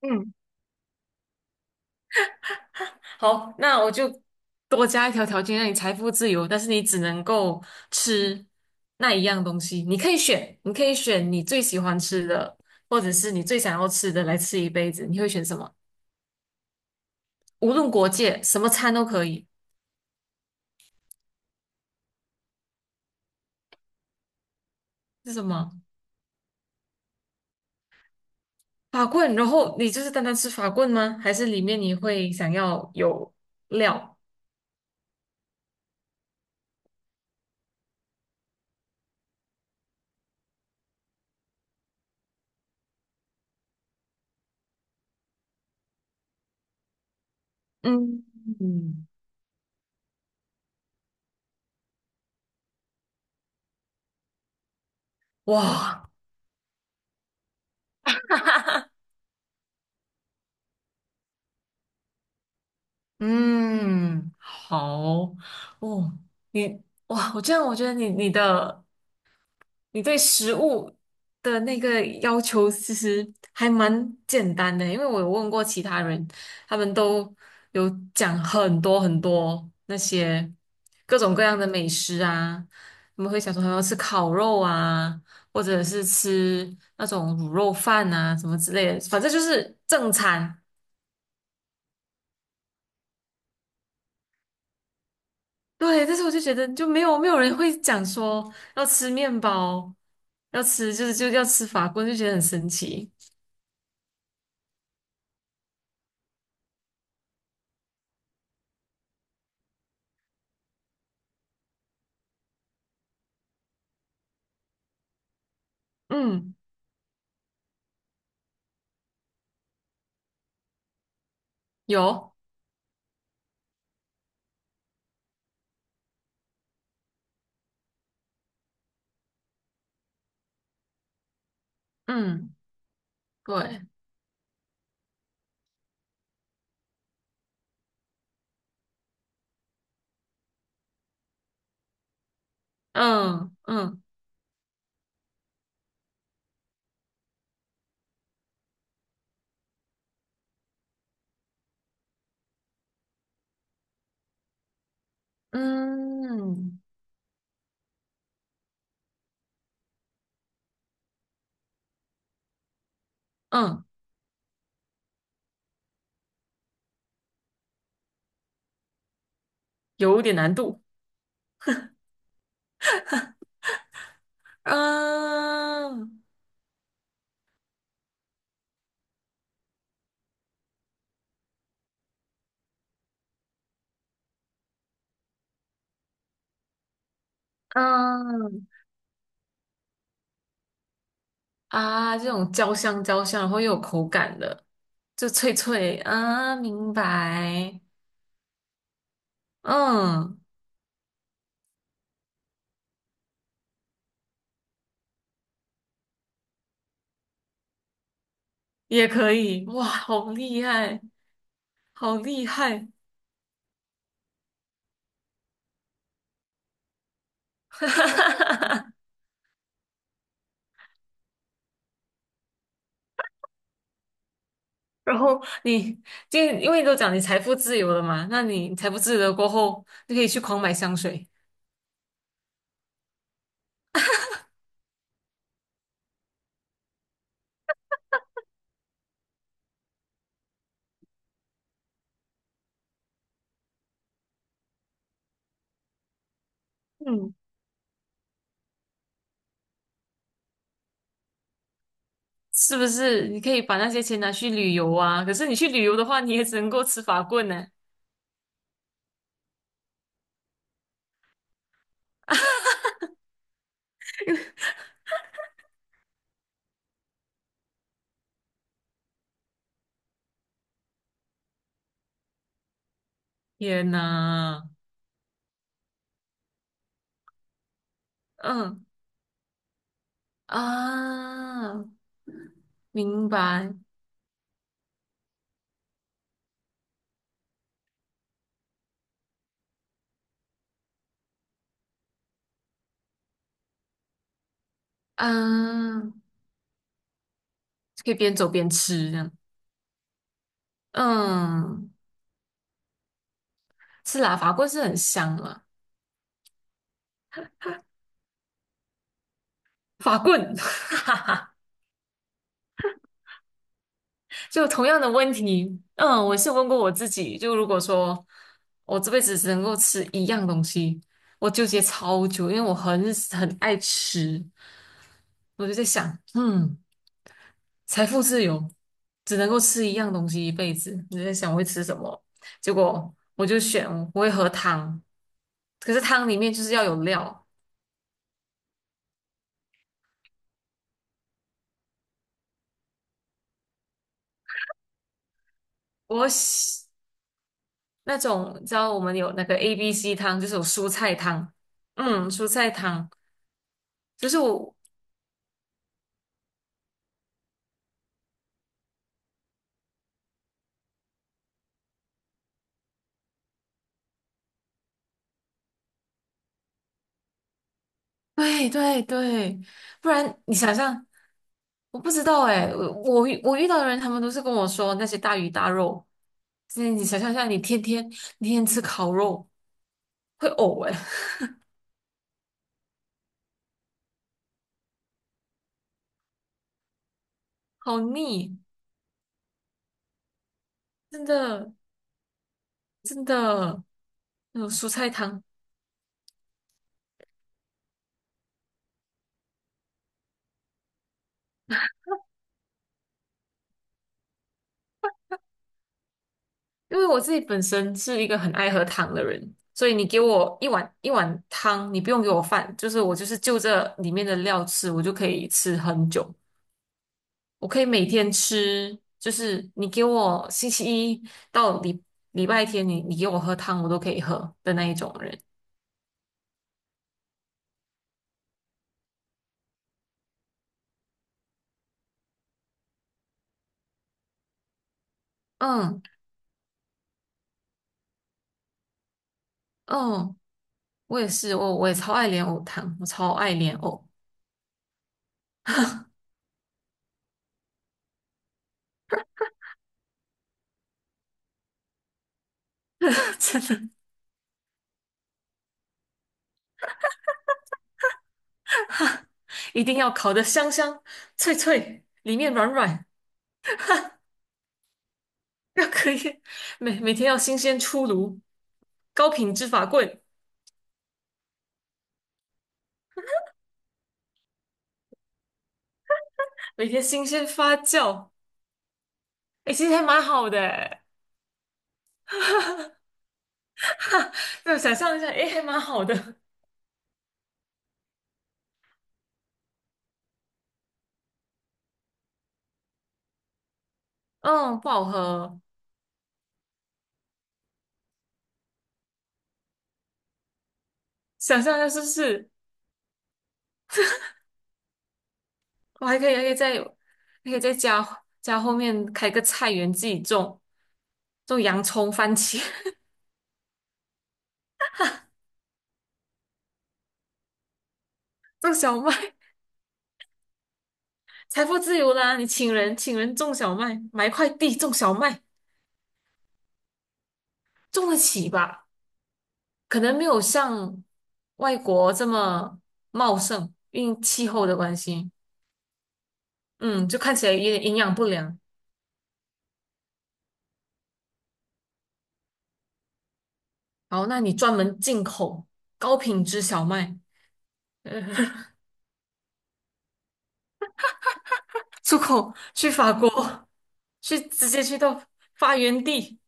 嗯，好，那我就多加一条条件，让你财富自由，但是你只能够吃那一样东西。你可以选，你可以选你最喜欢吃的，或者是你最想要吃的来吃一辈子。你会选什么？无论国界，什么餐都可以。是什么？法棍？然后你就是单单吃法棍吗？还是里面你会想要有料？嗯，嗯，哇，嗯，好，哦，你哇，我这样我觉得你的。你对食物的那个要求其实还蛮简单的，因为我有问过其他人，他们都有讲很多很多那些各种各样的美食啊，他们会想说他们要吃烤肉啊，或者是吃那种卤肉饭啊什么之类的，反正就是正餐。对，但是我就觉得就没有人会讲说要吃面包，要吃就是就要吃法棍，就觉得很神奇。嗯，有。嗯，对，嗯，嗯，嗯，嗯，嗯，有点难度。嗯，嗯，啊，这种焦香焦香，然后又有口感的，就脆脆啊，明白。嗯，也可以。哇，好厉害，好厉害！哈哈哈。然后你，就因为都讲你财富自由了嘛，那你财富自由了过后，就可以去狂买香水。嗯。是不是？你可以把那些钱拿去旅游啊。可是你去旅游的话，你也只能够吃法棍呢。天呐，嗯，啊，明白，嗯、可以边走边吃这样。嗯，是啦，法棍是很香啊。法棍。 就同样的问题，嗯，我是问过我自己，就如果说我这辈子只能够吃一样东西，我纠结超久，因为我很很爱吃，我就在想，嗯。财富自由，只能够吃一样东西一辈子。你在想我会吃什么？结果我就选我会喝汤，可是汤里面就是要有料。我喜那种，你知道我们有那个 ABC 汤，就是有蔬菜汤，嗯，蔬菜汤就是我，对对对，不然你想象，我不知道哎，我遇到的人，他们都是跟我说那些大鱼大肉，所以你想象一下，你天天吃烤肉会呕哎，好腻，真的。真的，那种蔬菜汤，因为我自己本身是一个很爱喝汤的人，所以你给我一碗一碗汤，你不用给我饭，就是我就是就这里面的料吃，我就可以吃很久，我可以每天吃，就是你给我星期一到礼拜天你，你给我喝汤，我都可以喝的那一种人。嗯，嗯，我也是，我也超爱莲藕汤，我超爱莲藕，真的。一定要烤得香香脆脆，里面软软。要可以每天要新鲜出炉，高品质法棍，每天新鲜发酵，哎，其实还蛮好的诶，对，想象一下，哎，还蛮好的，嗯，不好喝，想象一下是不是？我还可以，还可以在，还可以在家后面开个菜园，自己种洋葱、番茄，种小麦，财富自由啦！你请人种小麦，买一块地种小麦，种得起吧？可能没有像外国这么茂盛，因为气候的关系，嗯，就看起来有点营养不良。然好，那你专门进口高品质小麦，呃， 出口去法国，去直接去到发源地，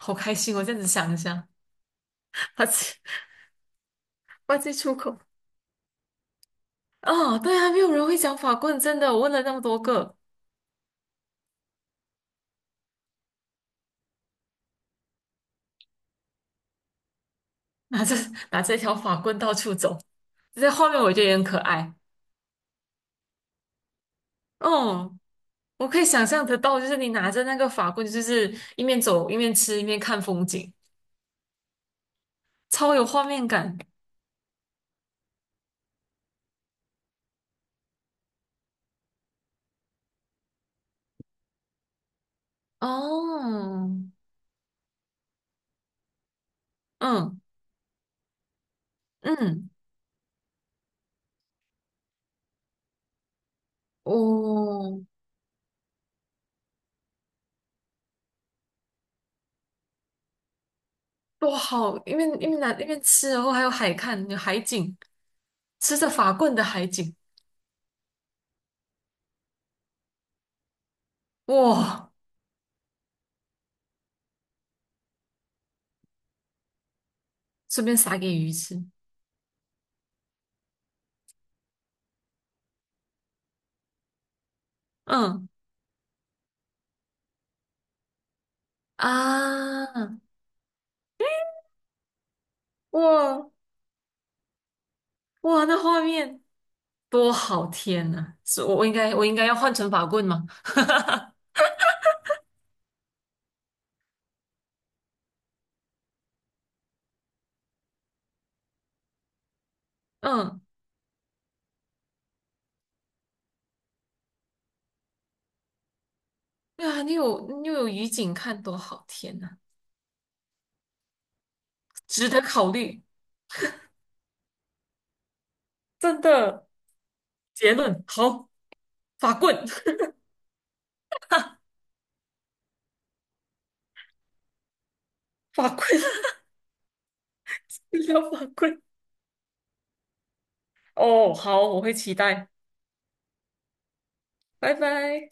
好开心我这样子想一下，把自己把自己出口。哦，对啊，没有人会讲法棍，真的，我问了那么多个，拿着拿着一条法棍到处走，这在画面我觉得也很可爱。嗯。我可以想象得到，就是你拿着那个法棍，就是一面走一面吃一面看风景，超有画面感。哦，嗯，嗯，哦，多好！一面一面拿一面吃，然后还有海看，有海景，吃着法棍的海景，哇！顺便撒给鱼吃，嗯，啊，哇，哇，那画面多好！天呐，是我应该要换成法棍吗？嗯，对啊，你又有鱼景看，多好！天呐。值得考虑。真的，结论好，法棍，法棍，医疗法棍。哦，好，我会期待，拜拜。